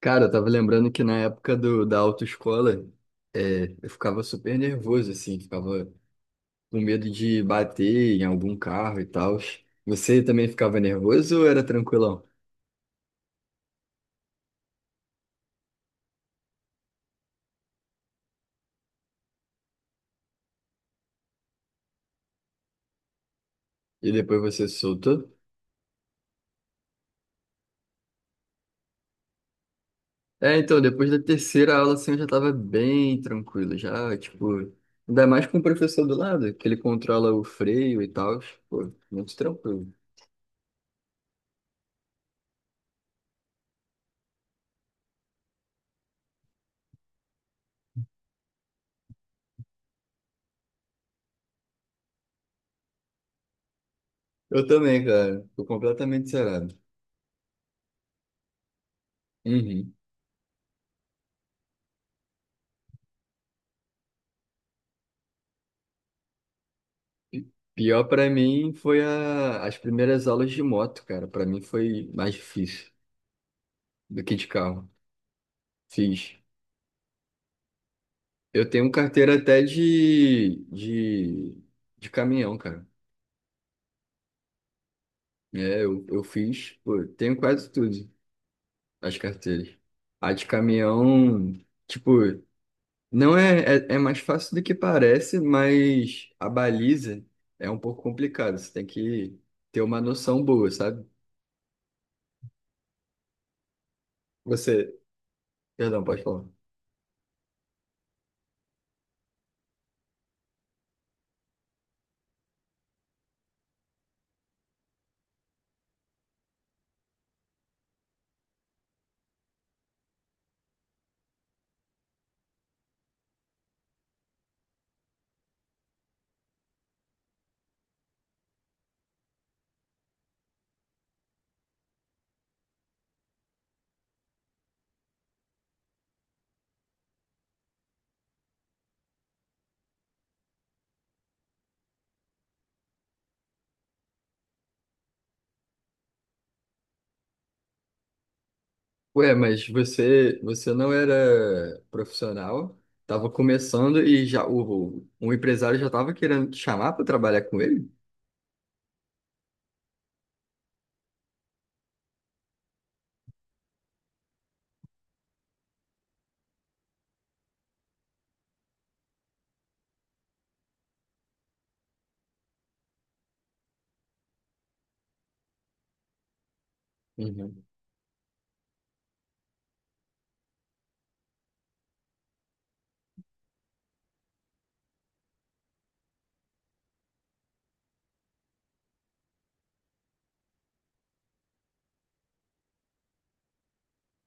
Cara, eu tava lembrando que na época da autoescola, eu ficava super nervoso, assim, ficava com medo de bater em algum carro e tal. Você também ficava nervoso ou era tranquilão? E depois você se soltou? Então, depois da terceira aula, assim, eu já tava bem tranquilo, já, tipo, ainda mais com o professor do lado, que ele controla o freio e tal, pô, muito tranquilo. Eu também, cara, tô completamente zerado. Uhum. Pior pra mim as primeiras aulas de moto, cara. Pra mim foi mais difícil do que de carro. Fiz. Eu tenho carteira até de de caminhão, cara. É, eu fiz, pô, tenho quase tudo, as carteiras. A de caminhão, tipo, não é, é mais fácil do que parece, mas a baliza é um pouco complicada. Você tem que ter uma noção boa, sabe? Você, perdão, pode falar. Ué, mas você não era profissional, estava começando e já um empresário já estava querendo te chamar para trabalhar com ele? Uhum.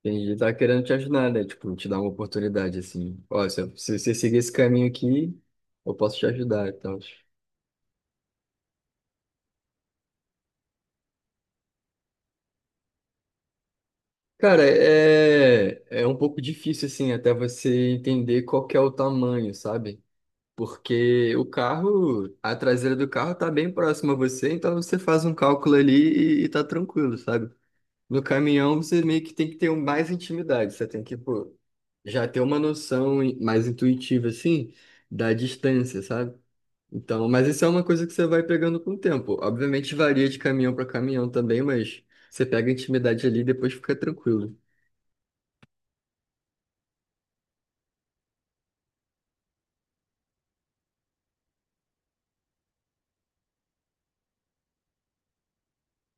Entendi, tá querendo te ajudar, né? Tipo, te dar uma oportunidade, assim. Ó, se você seguir esse caminho aqui, eu posso te ajudar e tal. Cara, é um pouco difícil, assim, até você entender qual que é o tamanho, sabe? Porque o carro, a traseira do carro tá bem próxima a você, então você faz um cálculo ali e tá tranquilo, sabe? No caminhão, você meio que tem que ter mais intimidade. Você tem que, pô, já ter uma noção mais intuitiva, assim, da distância, sabe? Então, mas isso é uma coisa que você vai pegando com o tempo. Obviamente varia de caminhão para caminhão também, mas você pega a intimidade ali e depois fica tranquilo.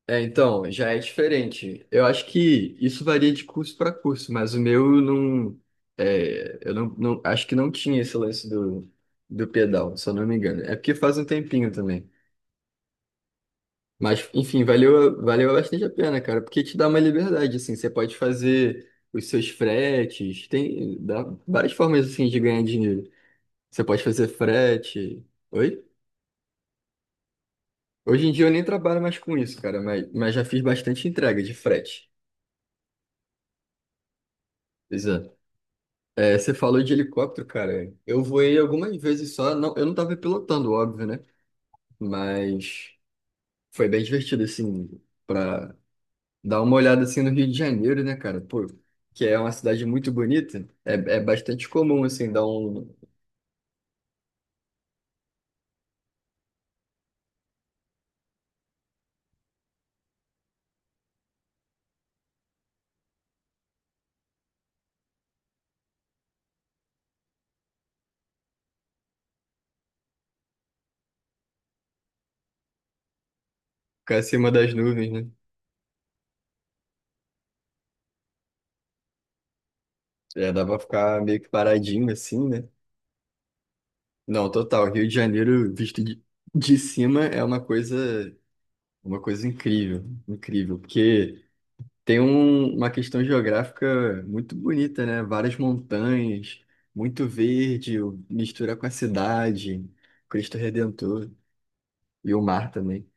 É, então, já é diferente. Eu acho que isso varia de curso para curso, mas o meu não. É, eu acho que não tinha esse lance do, do pedal, se eu não me engano. É porque faz um tempinho também. Mas, enfim, valeu, valeu bastante a pena, cara, porque te dá uma liberdade, assim, você pode fazer os seus fretes, tem dá várias formas, assim, de ganhar dinheiro. Você pode fazer frete, oi? Hoje em dia eu nem trabalho mais com isso, cara, mas, já fiz bastante entrega de frete. Pois é. É, você falou de helicóptero, cara, eu voei algumas vezes só, não, eu não tava pilotando, óbvio, né? Mas foi bem divertido, assim, pra dá uma olhada assim no Rio de Janeiro, né, cara? Pô, que é uma cidade muito bonita. É, é bastante comum, assim, dar um ficar acima das nuvens, né? É, dá pra ficar meio que paradinho, assim, né? Não, total. Rio de Janeiro, visto de cima, é uma coisa. Uma coisa incrível. Incrível. Porque tem uma questão geográfica muito bonita, né? Várias montanhas, muito verde, mistura com a cidade, Cristo Redentor e o mar também.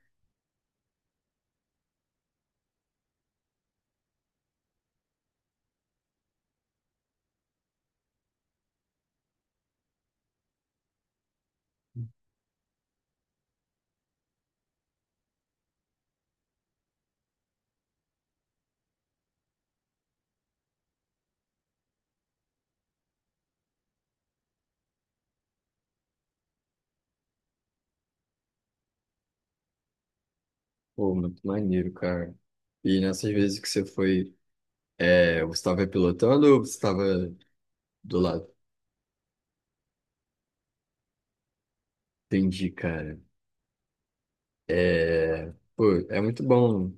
Pô, muito maneiro, cara. E nessas vezes que você foi, é, você estava pilotando ou você estava do lado? Entendi, cara. É, pô, é muito bom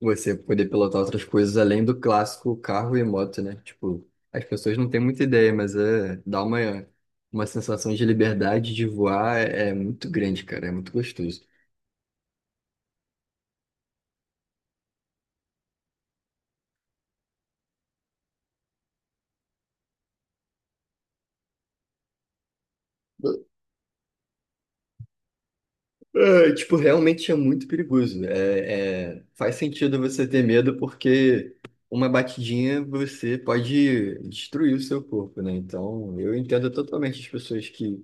você poder pilotar outras coisas além do clássico carro e moto, né? Tipo, as pessoas não têm muita ideia, mas é, dá uma sensação de liberdade de voar é muito grande, cara. É muito gostoso. É, tipo, realmente é muito perigoso. É, faz sentido você ter medo porque uma batidinha você pode destruir o seu corpo, né? Então, eu entendo totalmente as pessoas que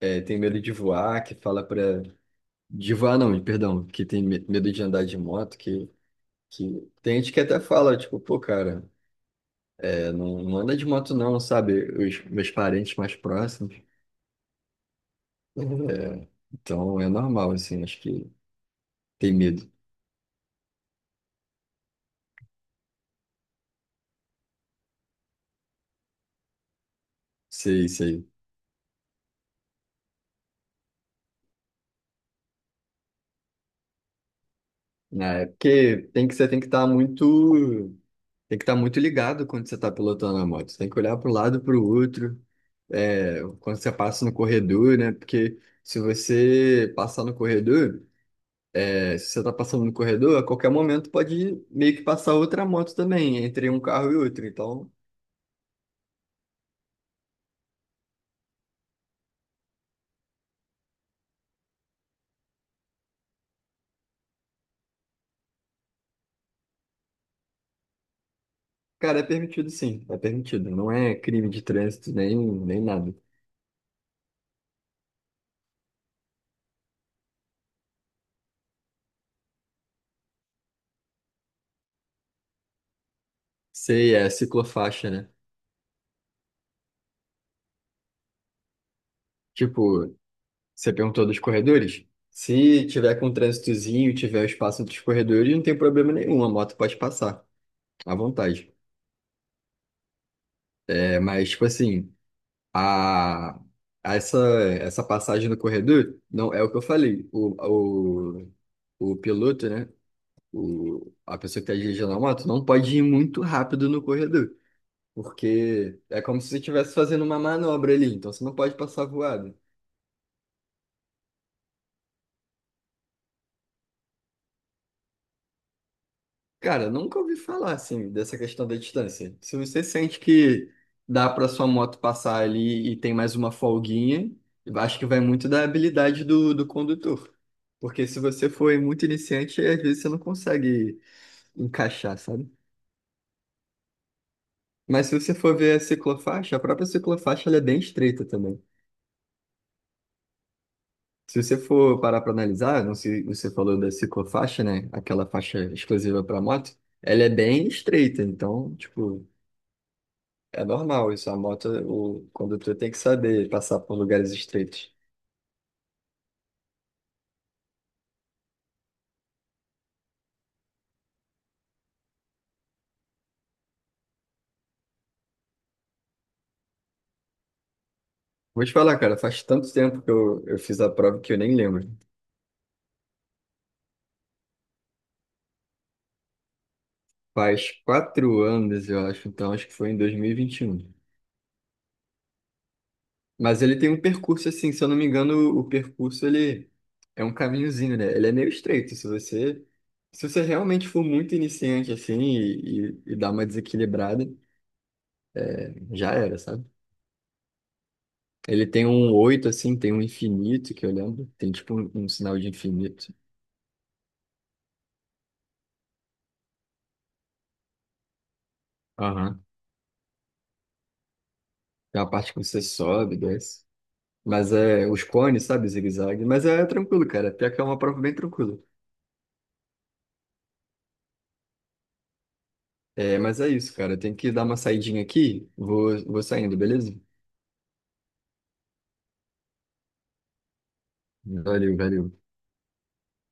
é, têm medo de voar, que fala para de voar não, perdão, que tem medo de andar de moto, que tem gente que até fala, tipo, pô, cara, é, não anda de moto não, sabe? Os meus parentes mais próximos. É, então, é normal, assim, acho que tem medo. Sei, sei. Né, porque tem que, você tem que estar muito, tem que estar muito ligado quando você está pilotando a moto. Você tem que olhar para o lado, para o outro, é, quando você passa no corredor, né? Porque se você passar no corredor, é, se você está passando no corredor, a qualquer momento pode meio que passar outra moto também, entre um carro e outro. Então, cara, é permitido sim, é permitido. Não é crime de trânsito nem, nem nada. Sei, é ciclofaixa, né? Tipo, você perguntou dos corredores? Se tiver com um trânsitozinho, e tiver o espaço dos corredores, não tem problema nenhum, a moto pode passar, à vontade. É, mas, tipo assim, a, essa, essa passagem no corredor, não é o que eu falei. O, o piloto, né? A pessoa que está dirigindo a moto não pode ir muito rápido no corredor, porque é como se você estivesse fazendo uma manobra ali, então você não pode passar voado. Cara, nunca ouvi falar assim dessa questão da distância. Se você sente que dá para sua moto passar ali e tem mais uma folguinha, eu acho que vai muito da habilidade do condutor. Porque se você for muito iniciante, às vezes você não consegue encaixar, sabe? Mas se você for ver a ciclofaixa, a própria ciclofaixa ela é bem estreita também. Se você for parar para analisar, não sei, você falou da ciclofaixa, né? Aquela faixa exclusiva para moto, ela é bem estreita. Então, tipo. É normal isso. A moto, o condutor tem que saber passar por lugares estreitos. Vou te falar, cara, faz tanto tempo que eu fiz a prova que eu nem lembro. Faz 4 anos, eu acho, então acho que foi em dois mil e vinte e um. Mas ele tem um percurso assim, se eu não me engano, o percurso ele é um caminhozinho, né? Ele é meio estreito. Se você realmente for muito iniciante assim e e dar uma desequilibrada, já era, sabe? Ele tem um oito assim, tem um infinito que eu lembro, tem tipo um sinal de infinito. Aham. Tem uma parte que você sobe, desce. Mas é os cones, sabe? Zigue-zague. Mas é tranquilo, cara. Até que é uma prova bem tranquila. É, mas é isso, cara. Tem que dar uma saidinha aqui. Vou, vou saindo, beleza? Valeu, valeu.